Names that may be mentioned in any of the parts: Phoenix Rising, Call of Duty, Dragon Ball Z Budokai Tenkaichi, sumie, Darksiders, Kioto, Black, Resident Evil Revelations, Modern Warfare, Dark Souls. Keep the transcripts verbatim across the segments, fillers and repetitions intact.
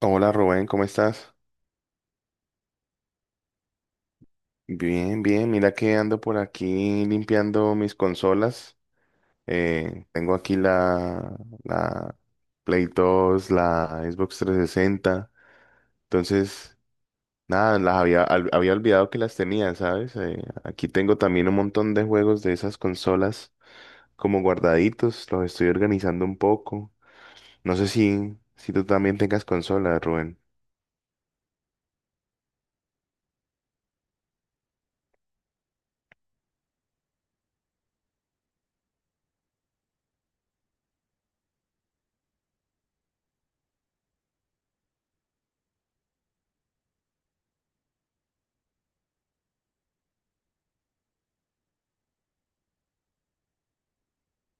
Hola Rubén, ¿cómo estás? Bien, bien, mira que ando por aquí limpiando mis consolas. Eh, tengo aquí la, la Play dos, la Xbox trescientos sesenta. Entonces, nada, las había, al- había olvidado que las tenía, ¿sabes? Eh, aquí tengo también un montón de juegos de esas consolas como guardaditos, los estoy organizando un poco. No sé si, si tú también tengas consolas, Rubén.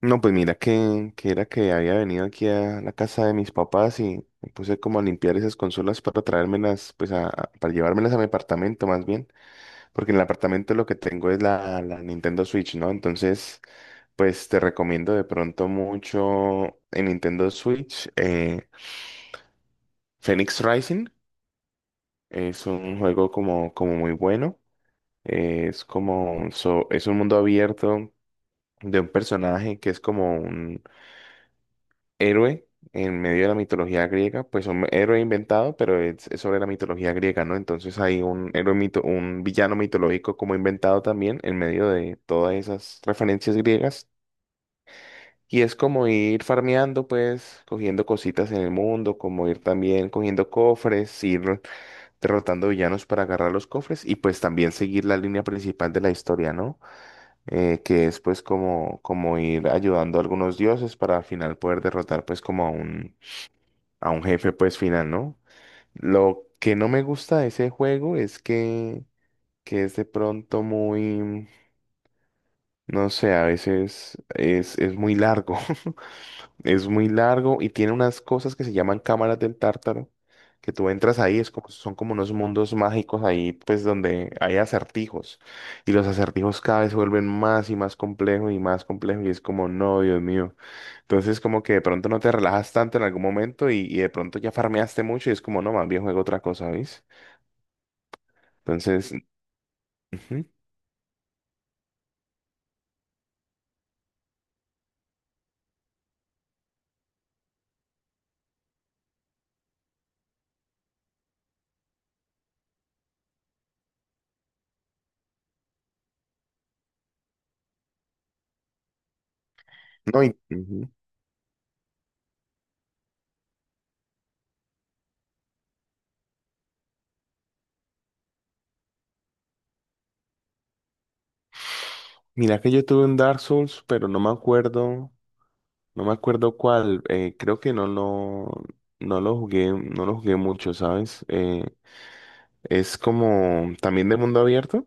No, pues mira que, que era que había venido aquí a la casa de mis papás y me puse como a limpiar esas consolas para traérmelas, pues a, a- para llevármelas a mi apartamento más bien, porque en el apartamento lo que tengo es la, la Nintendo Switch, ¿no? Entonces, pues te recomiendo de pronto mucho en Nintendo Switch, eh, Phoenix Rising, es un juego como, como muy bueno, eh, es como, so- es un mundo abierto de un personaje que es como un héroe en medio de la mitología griega, pues un héroe inventado, pero es, es sobre la mitología griega, ¿no? Entonces hay un héroe mito, un villano mitológico como inventado también en medio de todas esas referencias griegas. Y es como ir farmeando, pues, cogiendo cositas en el mundo, como ir también cogiendo cofres, ir derrotando villanos para agarrar los cofres y pues también seguir la línea principal de la historia, ¿no? Eh, que es pues como, como ir ayudando a algunos dioses para al final poder derrotar pues como a un a un jefe pues final, ¿no? Lo que no me gusta de ese juego es que, que es de pronto muy, no sé, a veces es, es muy largo, es muy largo y tiene unas cosas que se llaman cámaras del tártaro, que tú entras ahí, es como, son como unos mundos mágicos ahí pues donde hay acertijos y los acertijos cada vez se vuelven más y más complejos y más complejos y es como, no, Dios mío. Entonces, como que de pronto no te relajas tanto en algún momento y, y de pronto ya farmeaste mucho y es como, no, más bien juego otra cosa, ¿ves? Entonces, ujú. No, y, ujú. Mira que yo tuve un Dark Souls, pero no me acuerdo, no me acuerdo cuál. eh, creo que no lo, no lo jugué, no lo jugué mucho, ¿sabes? Eh, es como también de mundo abierto.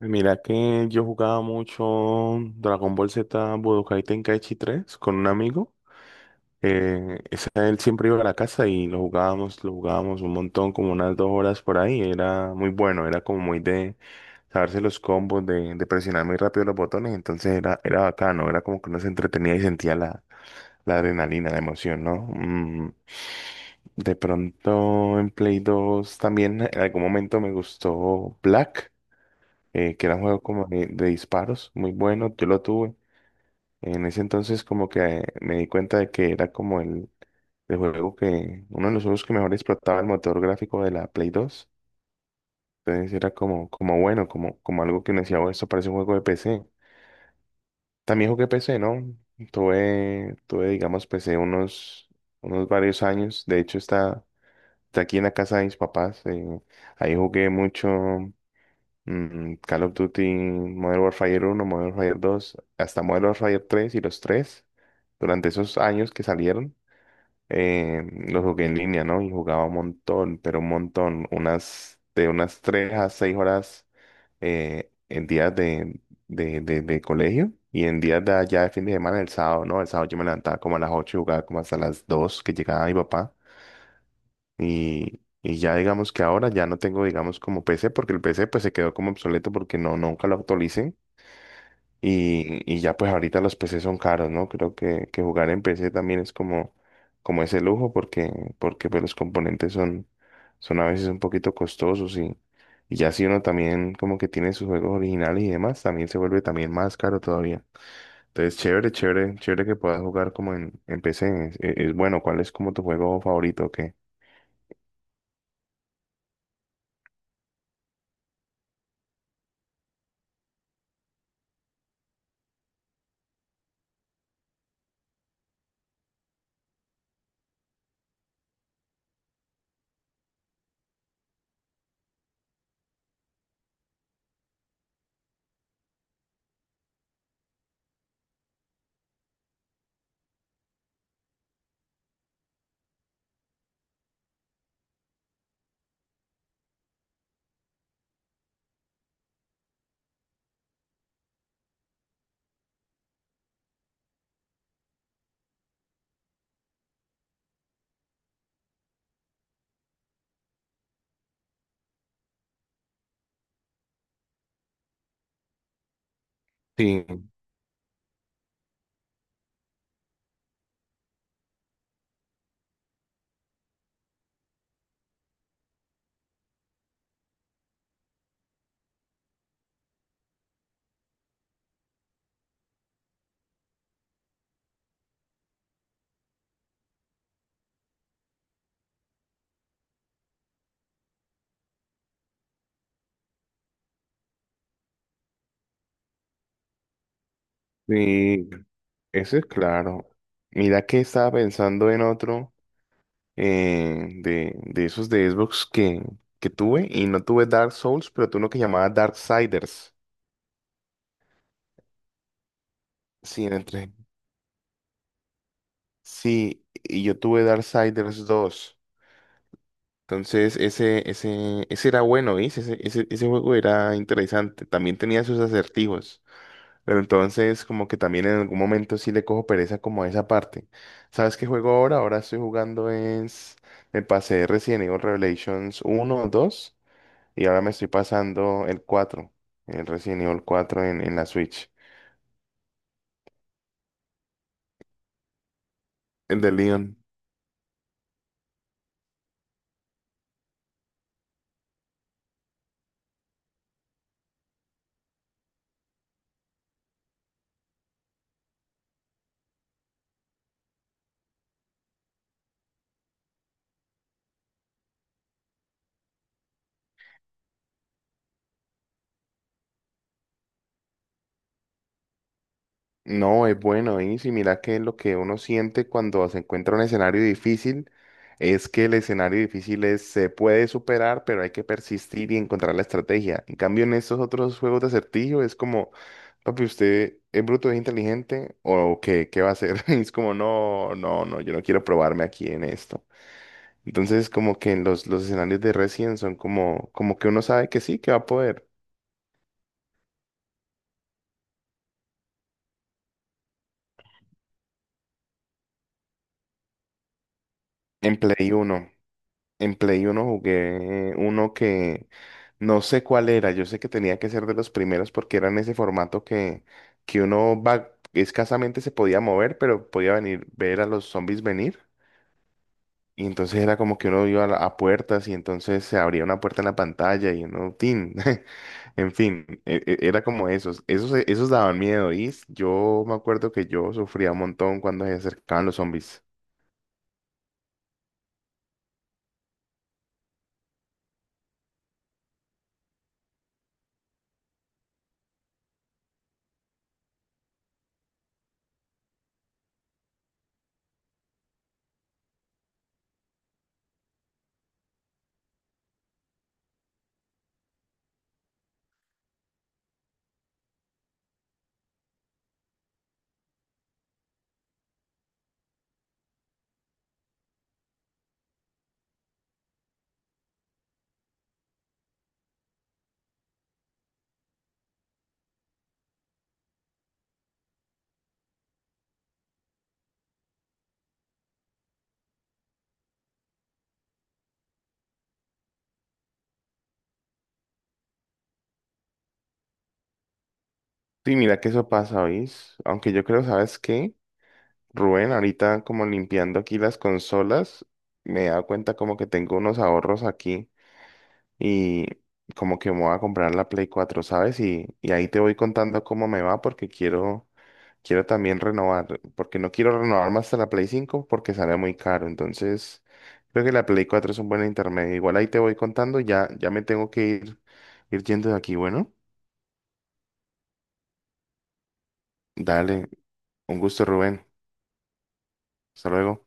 Mira que yo jugaba mucho Dragon Ball Z Budokai Tenkaichi tres con un amigo. Eh, esa, él siempre iba a la casa y lo jugábamos, lo jugábamos un montón, como unas dos horas por ahí. Era muy bueno, era como muy de saberse los combos, de, de presionar muy rápido los botones. Entonces era, era bacano, era como que uno se entretenía y sentía la, la adrenalina, la emoción, ¿no? Mm, de pronto en Play dos también en algún momento me gustó Black, eh, que era un juego como de, de disparos, muy bueno, yo lo tuve. En ese entonces como que me di cuenta de que era como el, el juego que, uno de los juegos que mejor explotaba el motor gráfico de la Play dos. Entonces era como, como bueno, como, como algo que me decía, "Oh, esto parece un juego de P C". También jugué P C, ¿no? Tuve, tuve, digamos, P C unos, unos varios años. De hecho, está, está aquí en la casa de mis papás. eh, ahí jugué mucho, mm, Call of Duty, Modern Warfare uno, Modern Warfare dos, hasta Modern Warfare tres y los tres durante esos años que salieron. eh, los jugué en línea, ¿no? Y jugaba un montón, pero un montón, unas de unas tres a seis horas eh, en días de, de, de, de colegio y en días de allá de fin de semana, el sábado, ¿no? El sábado yo me levantaba como a las ocho y jugaba como hasta las dos que llegaba mi papá. Y, y ya digamos que ahora ya no tengo, digamos, como P C, porque el P C pues se quedó como obsoleto porque no, nunca lo actualicen. Y, y ya pues ahorita los P C son caros, ¿no? Creo que, que jugar en P C también es como, como ese lujo porque, porque pues los componentes son, son a veces un poquito costosos y, y ya si uno también como que tiene sus juegos originales y demás, también se vuelve también más caro todavía. Entonces, chévere, chévere, chévere que puedas jugar como en, en P C. Es, es e, es bueno, ¿cuál es como tu juego favorito? O ¿qué? Sí. Sí, eso es claro. Mira que estaba pensando en otro eh, de, de esos de Xbox que, que tuve y no tuve Dark Souls, pero tuve uno que llamaba Darksiders. Sí, entre. Sí, y yo tuve Darksiders dos. Entonces, ese, ese, ese era bueno, ¿viste? Ese, ese, ese juego era interesante. También tenía sus acertijos. Pero entonces como que también en algún momento sí le cojo pereza como a esa parte. ¿Sabes qué juego ahora? Ahora estoy jugando es... Me pasé Resident Evil Revelations uno dos y ahora me estoy pasando el cuatro, el Resident Evil cuatro en, en la Switch. El de Leon. No, es bueno, y si mira que lo que uno siente cuando se encuentra un escenario difícil es que el escenario difícil es- se puede superar, pero hay que persistir y encontrar la estrategia. En cambio, en estos otros juegos de acertijo es como papi, ¿usted es bruto, es inteligente o qué, qué va a hacer? Y es como, no, no, no, yo no quiero probarme aquí en esto. Entonces, como que en los, los escenarios de Resident son como, como que uno sabe que sí, que va a poder. En Play uno en Play uno jugué uno que no sé cuál era, yo sé que tenía que ser de los primeros porque era en ese formato que, que uno va, escasamente se podía mover, pero podía venir, ver a los zombies venir. Y entonces era como que uno iba a, la- a puertas y entonces se abría una puerta en la pantalla y uno, tin. En fin, e- e- era como esos. Esos, esos daban miedo. Y s- yo me acuerdo que yo sufría un montón cuando se acercaban los zombies. Sí, mira que eso pasa, ¿oís? Aunque yo creo, ¿sabes qué? Rubén, ahorita como limpiando aquí las consolas, me he dado cuenta como que tengo unos ahorros aquí y como que me voy a comprar la Play cuatro, ¿sabes? Y, y ahí te voy contando cómo me va porque quiero. Quiero también renovar, porque no quiero renovar más hasta la Play cinco porque sale muy caro. Entonces, creo que la Play cuatro es un buen intermedio. Igual ahí te voy contando, ya, ya me tengo que ir, ir yendo de aquí. Bueno, dale, un gusto, Rubén. Hasta luego.